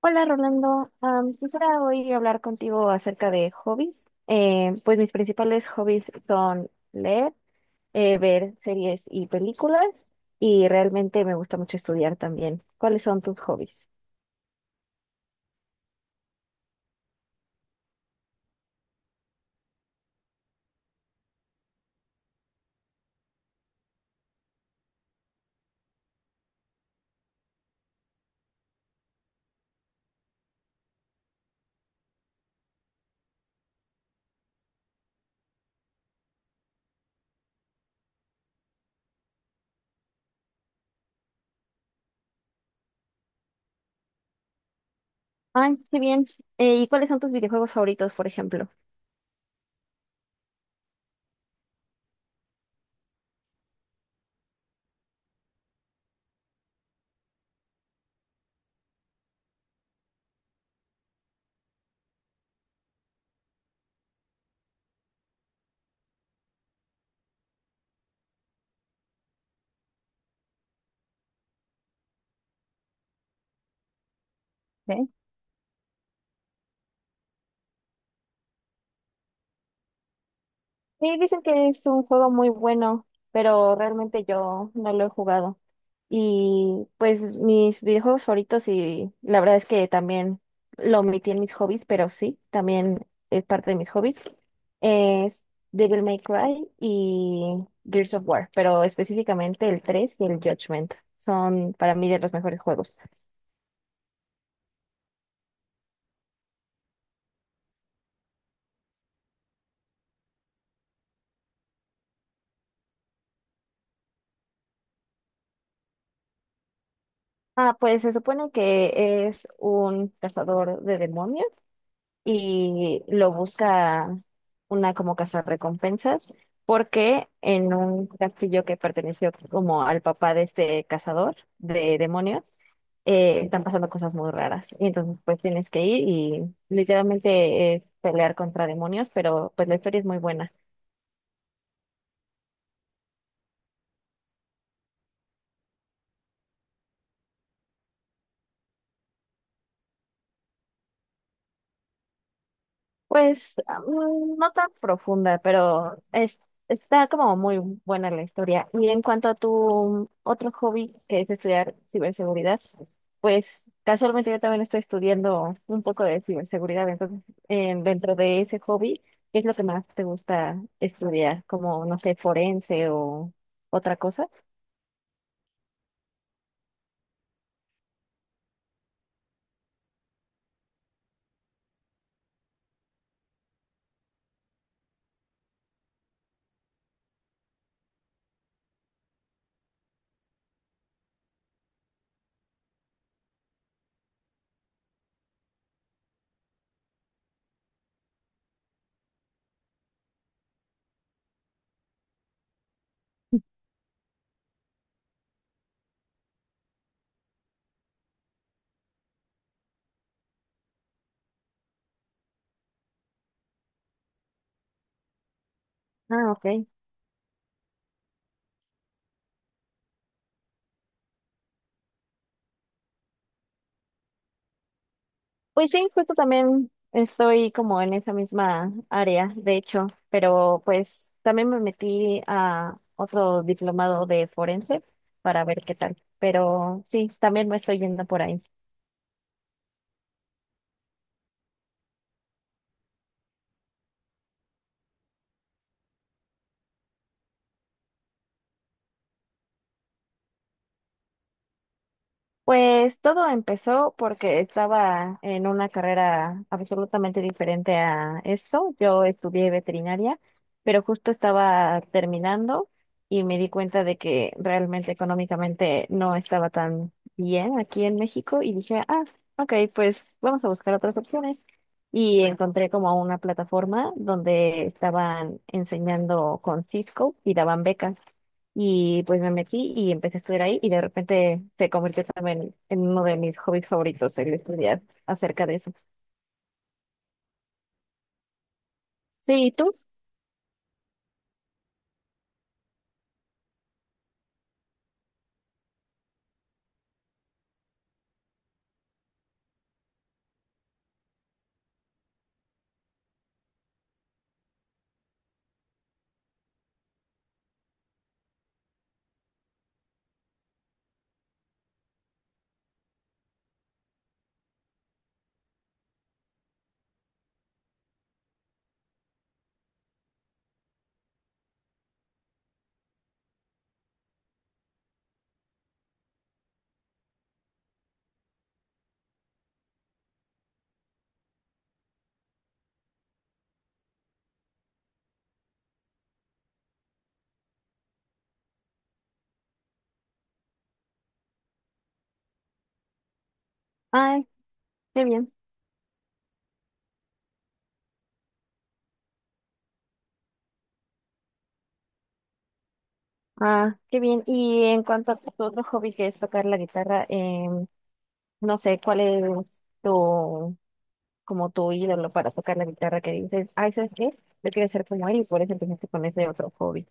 Hola Rolando, quisiera hoy hablar contigo acerca de hobbies. Pues mis principales hobbies son leer, ver series y películas y realmente me gusta mucho estudiar también. ¿Cuáles son tus hobbies? Ay, qué bien. ¿Y cuáles son tus videojuegos favoritos, por ejemplo? ¿Eh? Sí, dicen que es un juego muy bueno, pero realmente yo no lo he jugado. Y pues mis videojuegos favoritos y la verdad es que también lo omití en mis hobbies, pero sí, también es parte de mis hobbies. Es Devil May Cry y Gears of War, pero específicamente el 3 y el Judgment son para mí de los mejores juegos. Ah, pues se supone que es un cazador de demonios y lo busca una como cazarrecompensas, porque en un castillo que perteneció como al papá de este cazador de demonios, están pasando cosas muy raras. Y entonces pues tienes que ir y literalmente es pelear contra demonios, pero pues la historia es muy buena. Pues ah, no tan profunda, pero es, está como muy buena la historia. Y en cuanto a tu otro hobby, que es estudiar ciberseguridad, pues casualmente yo también estoy estudiando un poco de ciberseguridad. Entonces, dentro de ese hobby, ¿qué es lo que más te gusta estudiar? Como, no sé, forense o otra cosa. Ah, ok. Pues sí, justo también estoy como en esa misma área, de hecho, pero pues también me metí a otro diplomado de forense para ver qué tal, pero sí, también me estoy yendo por ahí. Pues todo empezó porque estaba en una carrera absolutamente diferente a esto. Yo estudié veterinaria, pero justo estaba terminando y me di cuenta de que realmente económicamente no estaba tan bien aquí en México y dije, ah, ok, pues vamos a buscar otras opciones. Y encontré como una plataforma donde estaban enseñando con Cisco y daban becas. Y pues me metí y empecé a estudiar ahí y de repente se convirtió también en uno de mis hobbies favoritos, el estudiar acerca de eso. Sí, ¿y tú? Ay, qué bien. Ah, qué bien. Y en cuanto a tu otro hobby que es tocar la guitarra, no sé, ¿cuál es tu, como tu ídolo para tocar la guitarra que dices, ay, ¿sabes qué? Yo quiero ser como él y por eso empezaste con ese otro hobby.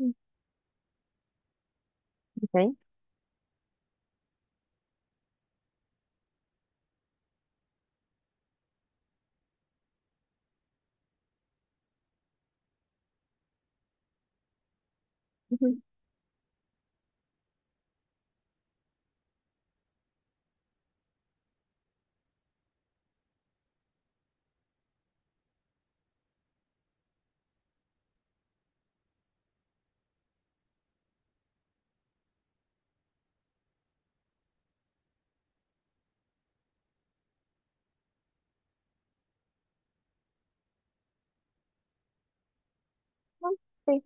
Mm. Ok. Ujú. Ah, sí.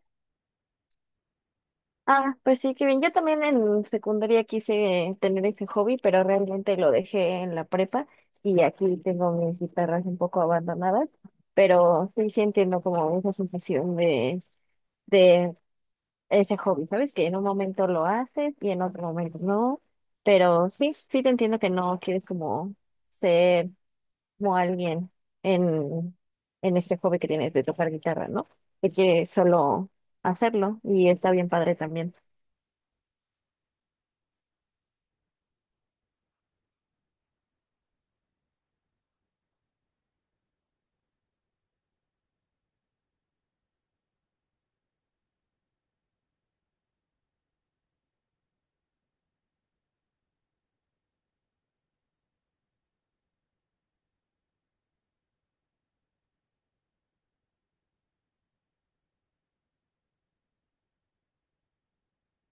Ah, pues sí, qué bien. Yo también en secundaria quise tener ese hobby, pero realmente lo dejé en la prepa y aquí tengo mis guitarras un poco abandonadas, pero sí, sí entiendo como esa sensación de ese hobby, ¿sabes? Que en un momento lo haces y en otro momento no, pero sí, sí te entiendo que no quieres como ser como alguien en, en este hobby que tienes de tocar guitarra, ¿no? Que quieres solo hacerlo y está bien padre también.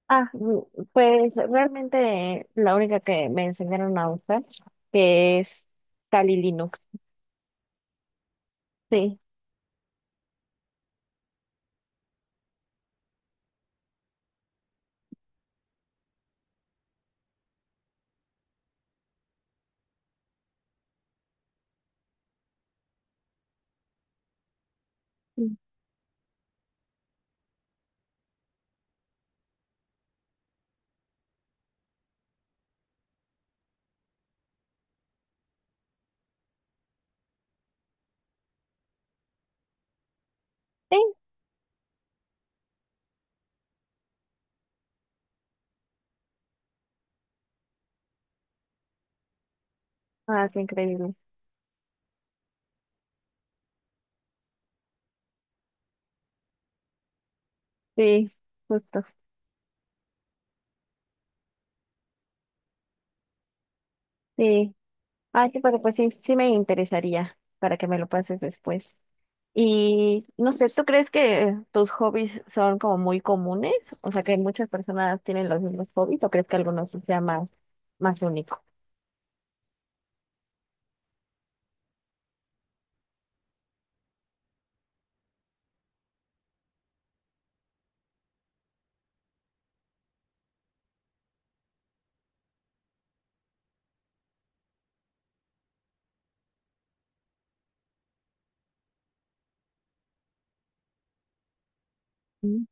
Ah, pues realmente la única que me enseñaron a usar, que es Kali Linux. Sí. Mm. Sí. Ah, qué increíble. Sí, justo. Sí. Ah, sí, pero pues sí, sí me interesaría para que me lo pases después. Y no sé, ¿tú crees que tus hobbies son como muy comunes? O sea, que muchas personas tienen los mismos hobbies, ¿o crees que algunos sí sea más, más único? Mm.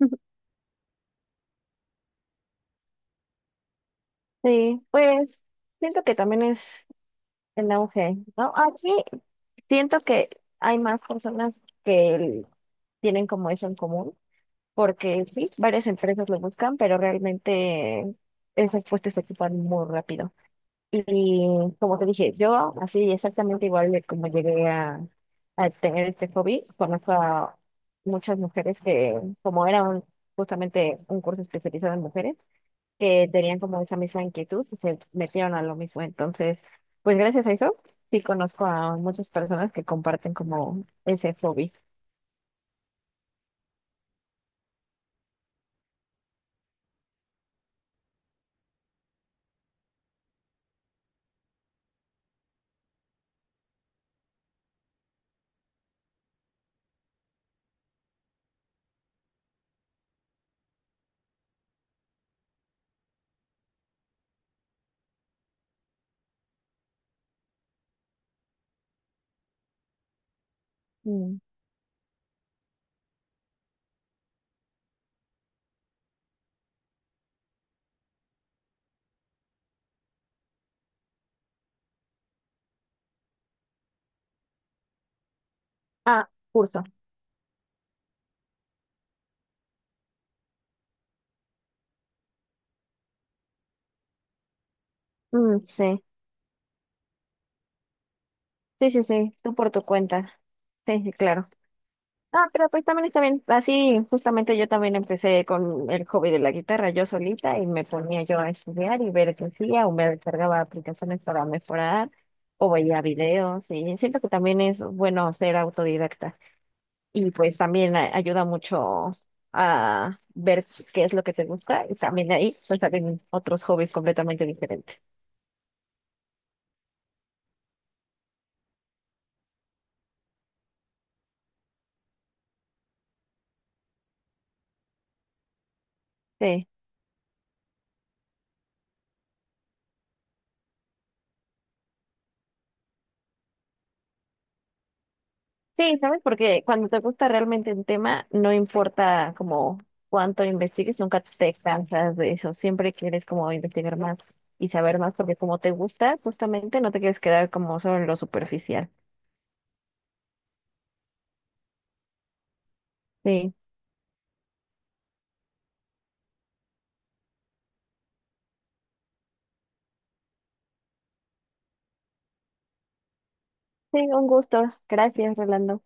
Sí, pues siento que también es el auge, ¿no? Aquí siento que hay más personas que tienen como eso en común, porque sí, varias empresas lo buscan, pero realmente esos puestos se ocupan muy rápido. Y como te dije, yo así exactamente igual de como llegué a tener este hobby, conozco a muchas mujeres que, como era justamente un curso especializado en mujeres, que tenían como esa misma inquietud y se metieron a lo mismo. Entonces, pues gracias a eso, sí conozco a muchas personas que comparten como ese hobby. Mm. Ah, curso. Mm, sí, sí, sí, sí, tú por tu cuenta. Sí, sí, claro. Ah, pero pues también está bien. Así, justamente yo también empecé con el hobby de la guitarra yo solita y me ponía yo a estudiar y ver qué hacía o me descargaba aplicaciones para mejorar o veía videos y siento que también es bueno ser autodidacta. Y pues también ayuda mucho a ver qué es lo que te gusta. Y también de ahí pues salen otros hobbies completamente diferentes. Sí. Sí, ¿sabes? Porque cuando te gusta realmente un tema, no importa como cuánto investigues, nunca te cansas de eso. Siempre quieres como investigar más y saber más porque como te gusta, justamente no te quieres quedar como solo en lo superficial. Sí. Sí, un gusto. Gracias, Rolando.